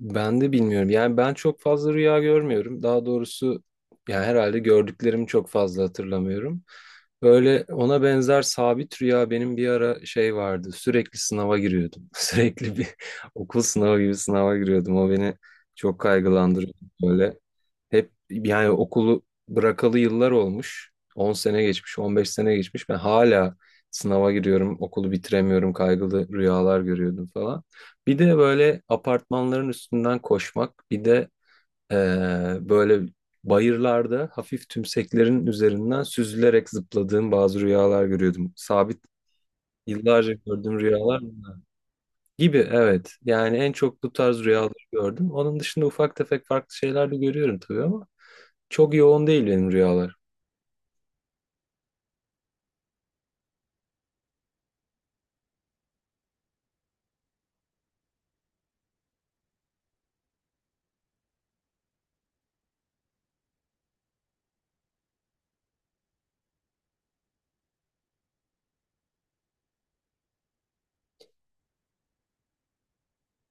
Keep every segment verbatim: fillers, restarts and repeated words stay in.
Ben de bilmiyorum. Yani ben çok fazla rüya görmüyorum. Daha doğrusu yani herhalde gördüklerimi çok fazla hatırlamıyorum. Böyle ona benzer sabit rüya benim bir ara şey vardı. Sürekli sınava giriyordum. Sürekli bir okul sınavı gibi sınava giriyordum. O beni çok kaygılandırıyordu böyle. Hep yani okulu bırakalı yıllar olmuş. On sene geçmiş, on beş sene geçmiş. Ben hala sınava giriyorum, okulu bitiremiyorum, kaygılı rüyalar görüyordum falan. Bir de böyle apartmanların üstünden koşmak, bir de eee, böyle bayırlarda hafif tümseklerin üzerinden süzülerek zıpladığım bazı rüyalar görüyordum. Sabit yıllarca gördüğüm rüyalar bunlar. Gibi, evet. Yani en çok bu tarz rüyaları gördüm. Onun dışında ufak tefek farklı şeyler de görüyorum tabii ama. Çok yoğun değil benim rüyalar.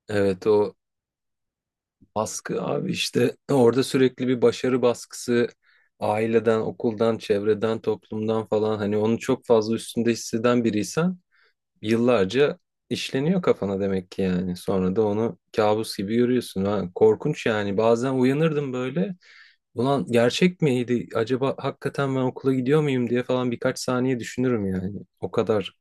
Evet, o baskı abi işte orada sürekli bir başarı baskısı aileden, okuldan, çevreden, toplumdan falan hani onu çok fazla üstünde hisseden biriysen yıllarca işleniyor kafana demek ki yani. Sonra da onu kabus gibi görüyorsun. Ha, korkunç yani, bazen uyanırdım böyle ulan gerçek miydi acaba hakikaten ben okula gidiyor muyum diye falan birkaç saniye düşünürüm yani. O kadar.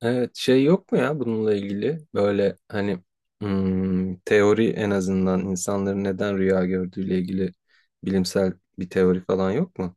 Evet şey yok mu ya bununla ilgili böyle hani hmm, teori, en azından insanların neden rüya gördüğüyle ilgili bilimsel bir teori falan yok mu?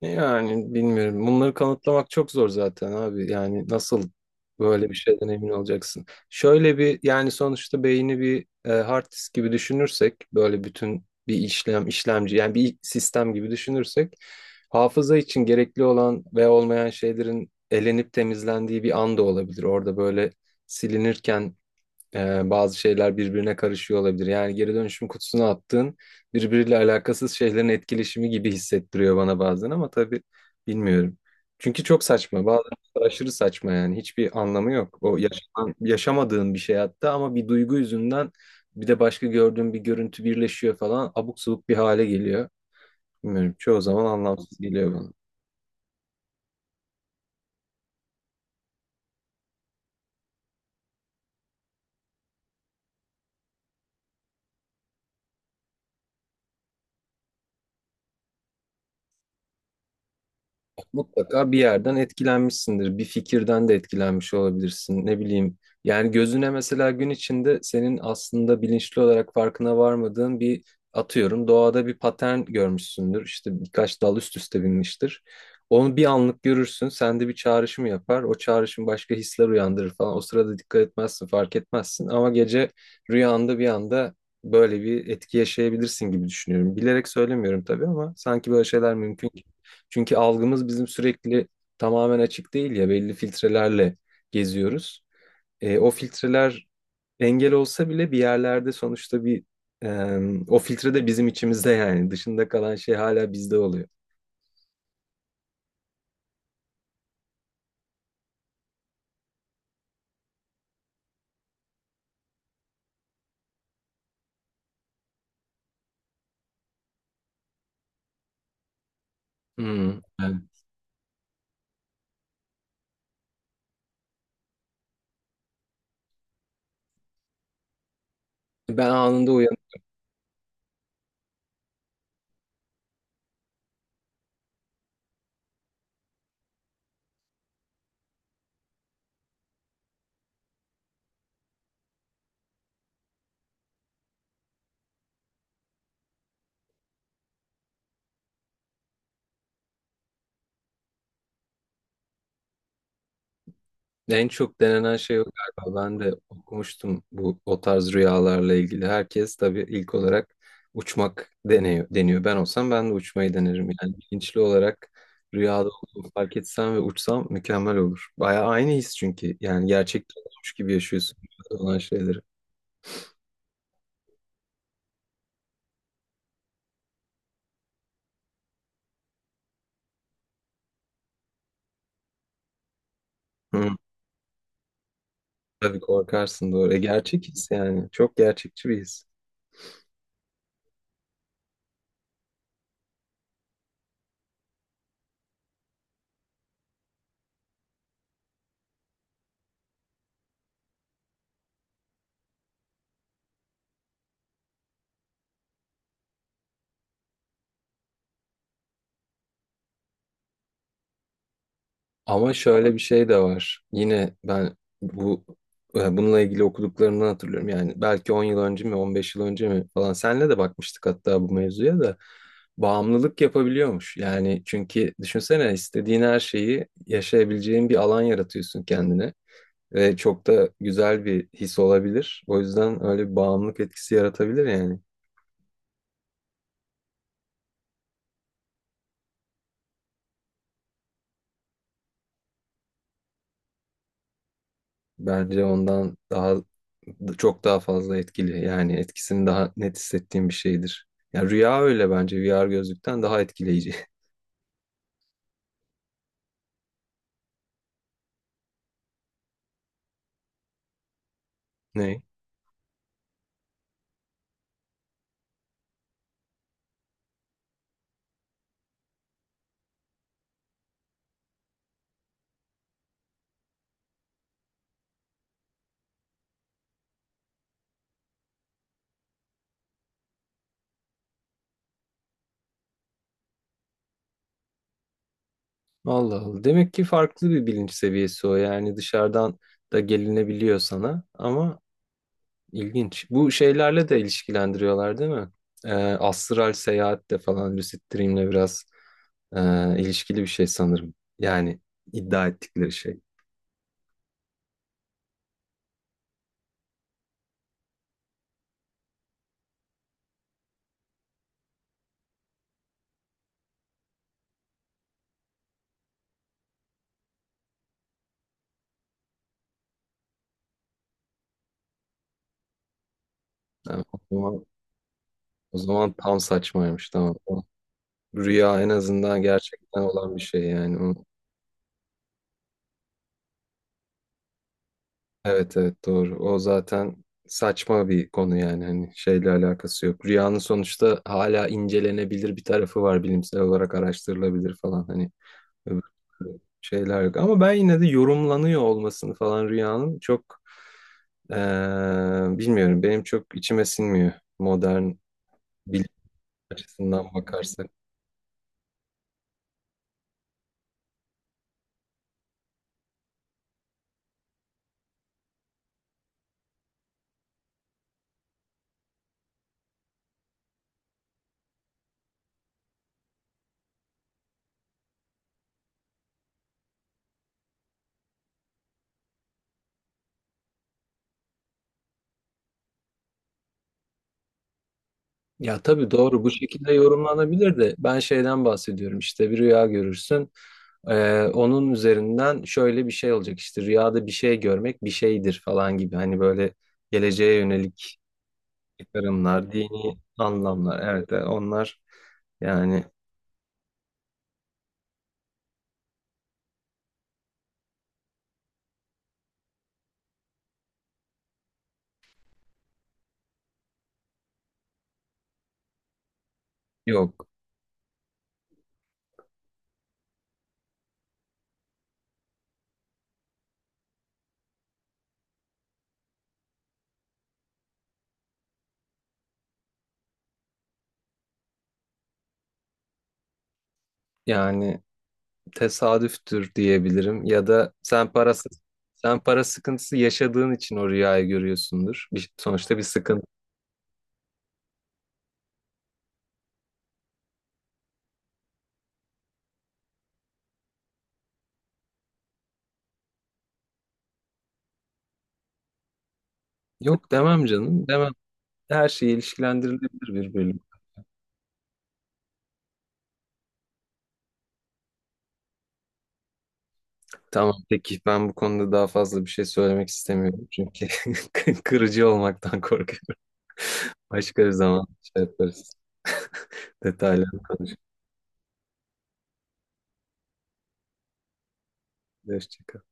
Yani bilmiyorum. Bunları kanıtlamak çok zor zaten abi. Yani nasıl böyle bir şeyden emin olacaksın? Şöyle bir yani sonuçta beyni bir e, hard disk gibi düşünürsek böyle bütün bir işlem işlemci yani bir sistem gibi düşünürsek hafıza için gerekli olan ve olmayan şeylerin elenip temizlendiği bir an da olabilir. Orada böyle silinirken ee, bazı şeyler birbirine karışıyor olabilir. Yani geri dönüşüm kutusuna attığın birbiriyle alakasız şeylerin etkileşimi gibi hissettiriyor bana bazen ama tabii bilmiyorum. Çünkü çok saçma. Bazen aşırı saçma yani. Hiçbir anlamı yok. O yaşanan, yaşamadığın bir şey hatta ama bir duygu yüzünden bir de başka gördüğün bir görüntü birleşiyor falan abuk subuk bir hale geliyor. Bilmiyorum. Çoğu zaman anlamsız geliyor bana. Mutlaka bir yerden etkilenmişsindir. Bir fikirden de etkilenmiş olabilirsin. Ne bileyim. Yani gözüne mesela gün içinde senin aslında bilinçli olarak farkına varmadığın bir, atıyorum, doğada bir patern görmüşsündür. İşte birkaç dal üst üste binmiştir. Onu bir anlık görürsün. Sende bir çağrışım yapar. O çağrışım başka hisler uyandırır falan. O sırada dikkat etmezsin, fark etmezsin. Ama gece rüyanda bir anda böyle bir etki yaşayabilirsin gibi düşünüyorum. Bilerek söylemiyorum tabii ama sanki böyle şeyler mümkün. Çünkü algımız bizim sürekli tamamen açık değil ya, belli filtrelerle geziyoruz. E, o filtreler engel olsa bile bir yerlerde sonuçta bir e, o filtre de bizim içimizde yani dışında kalan şey hala bizde oluyor. Hmm. Evet. Ben anında uyanıyorum. En çok denenen şey o galiba. Ben de okumuştum bu, o tarz rüyalarla ilgili. Herkes tabii ilk olarak uçmak deniyor, deniyor. Ben olsam ben de uçmayı denerim. Yani bilinçli olarak rüyada olduğumu fark etsem ve uçsam mükemmel olur. Bayağı aynı his çünkü. Yani gerçekten olmuş gibi yaşıyorsun rüyada olan şeyleri. Hı, tabii korkarsın, doğru. E, gerçek his yani. Çok gerçekçi bir his. Ama şöyle bir şey de var. Yine ben bu e, bununla ilgili okuduklarımdan hatırlıyorum. Yani belki on yıl önce mi, on beş yıl önce mi falan senle de bakmıştık hatta bu mevzuya da, bağımlılık yapabiliyormuş. Yani çünkü düşünsene istediğin her şeyi yaşayabileceğin bir alan yaratıyorsun kendine ve çok da güzel bir his olabilir. O yüzden öyle bir bağımlılık etkisi yaratabilir yani. Bence ondan daha, çok daha fazla etkili. Yani etkisini daha net hissettiğim bir şeydir. Ya rüya öyle, bence V R gözlükten daha etkileyici. Ne? Allah Allah. Demek ki farklı bir bilinç seviyesi o. Yani dışarıdan da gelinebiliyor sana ama ilginç. Bu şeylerle de ilişkilendiriyorlar değil mi? Ee, astral seyahatle falan lucid dream'le biraz e, ilişkili bir şey sanırım. Yani iddia ettikleri şey. Yani o zaman, o zaman tam saçmaymış. Tamam. Rüya en azından gerçekten olan bir şey yani. O- Evet evet, doğru. O zaten saçma bir konu yani, hani şeyle alakası yok. Rüyanın sonuçta hala incelenebilir bir tarafı var, bilimsel olarak araştırılabilir falan, hani öbür şeyler yok. Ama ben yine de yorumlanıyor olmasını falan rüyanın çok eee, bilmiyorum, benim çok içime sinmiyor modern bilim açısından bakarsak. Ya tabii doğru, bu şekilde yorumlanabilir de ben şeyden bahsediyorum işte, bir rüya görürsün. Ee, onun üzerinden şöyle bir şey olacak işte rüyada bir şey görmek bir şeydir falan gibi hani, böyle geleceğe yönelik çıkarımlar, dini anlamlar, evet evet, onlar yani. Yok yani, tesadüftür diyebilirim ya da sen parası, sen para sıkıntısı yaşadığın için o rüyayı görüyorsundur. Bir- sonuçta bir sıkıntı. Yok demem canım, demem. Her şey ilişkilendirilebilir bir bölüm. Tamam peki, ben bu konuda daha fazla bir şey söylemek istemiyorum çünkü kırıcı olmaktan korkuyorum. Başka bir zaman şey yaparız. Detaylı. Hoşça kal.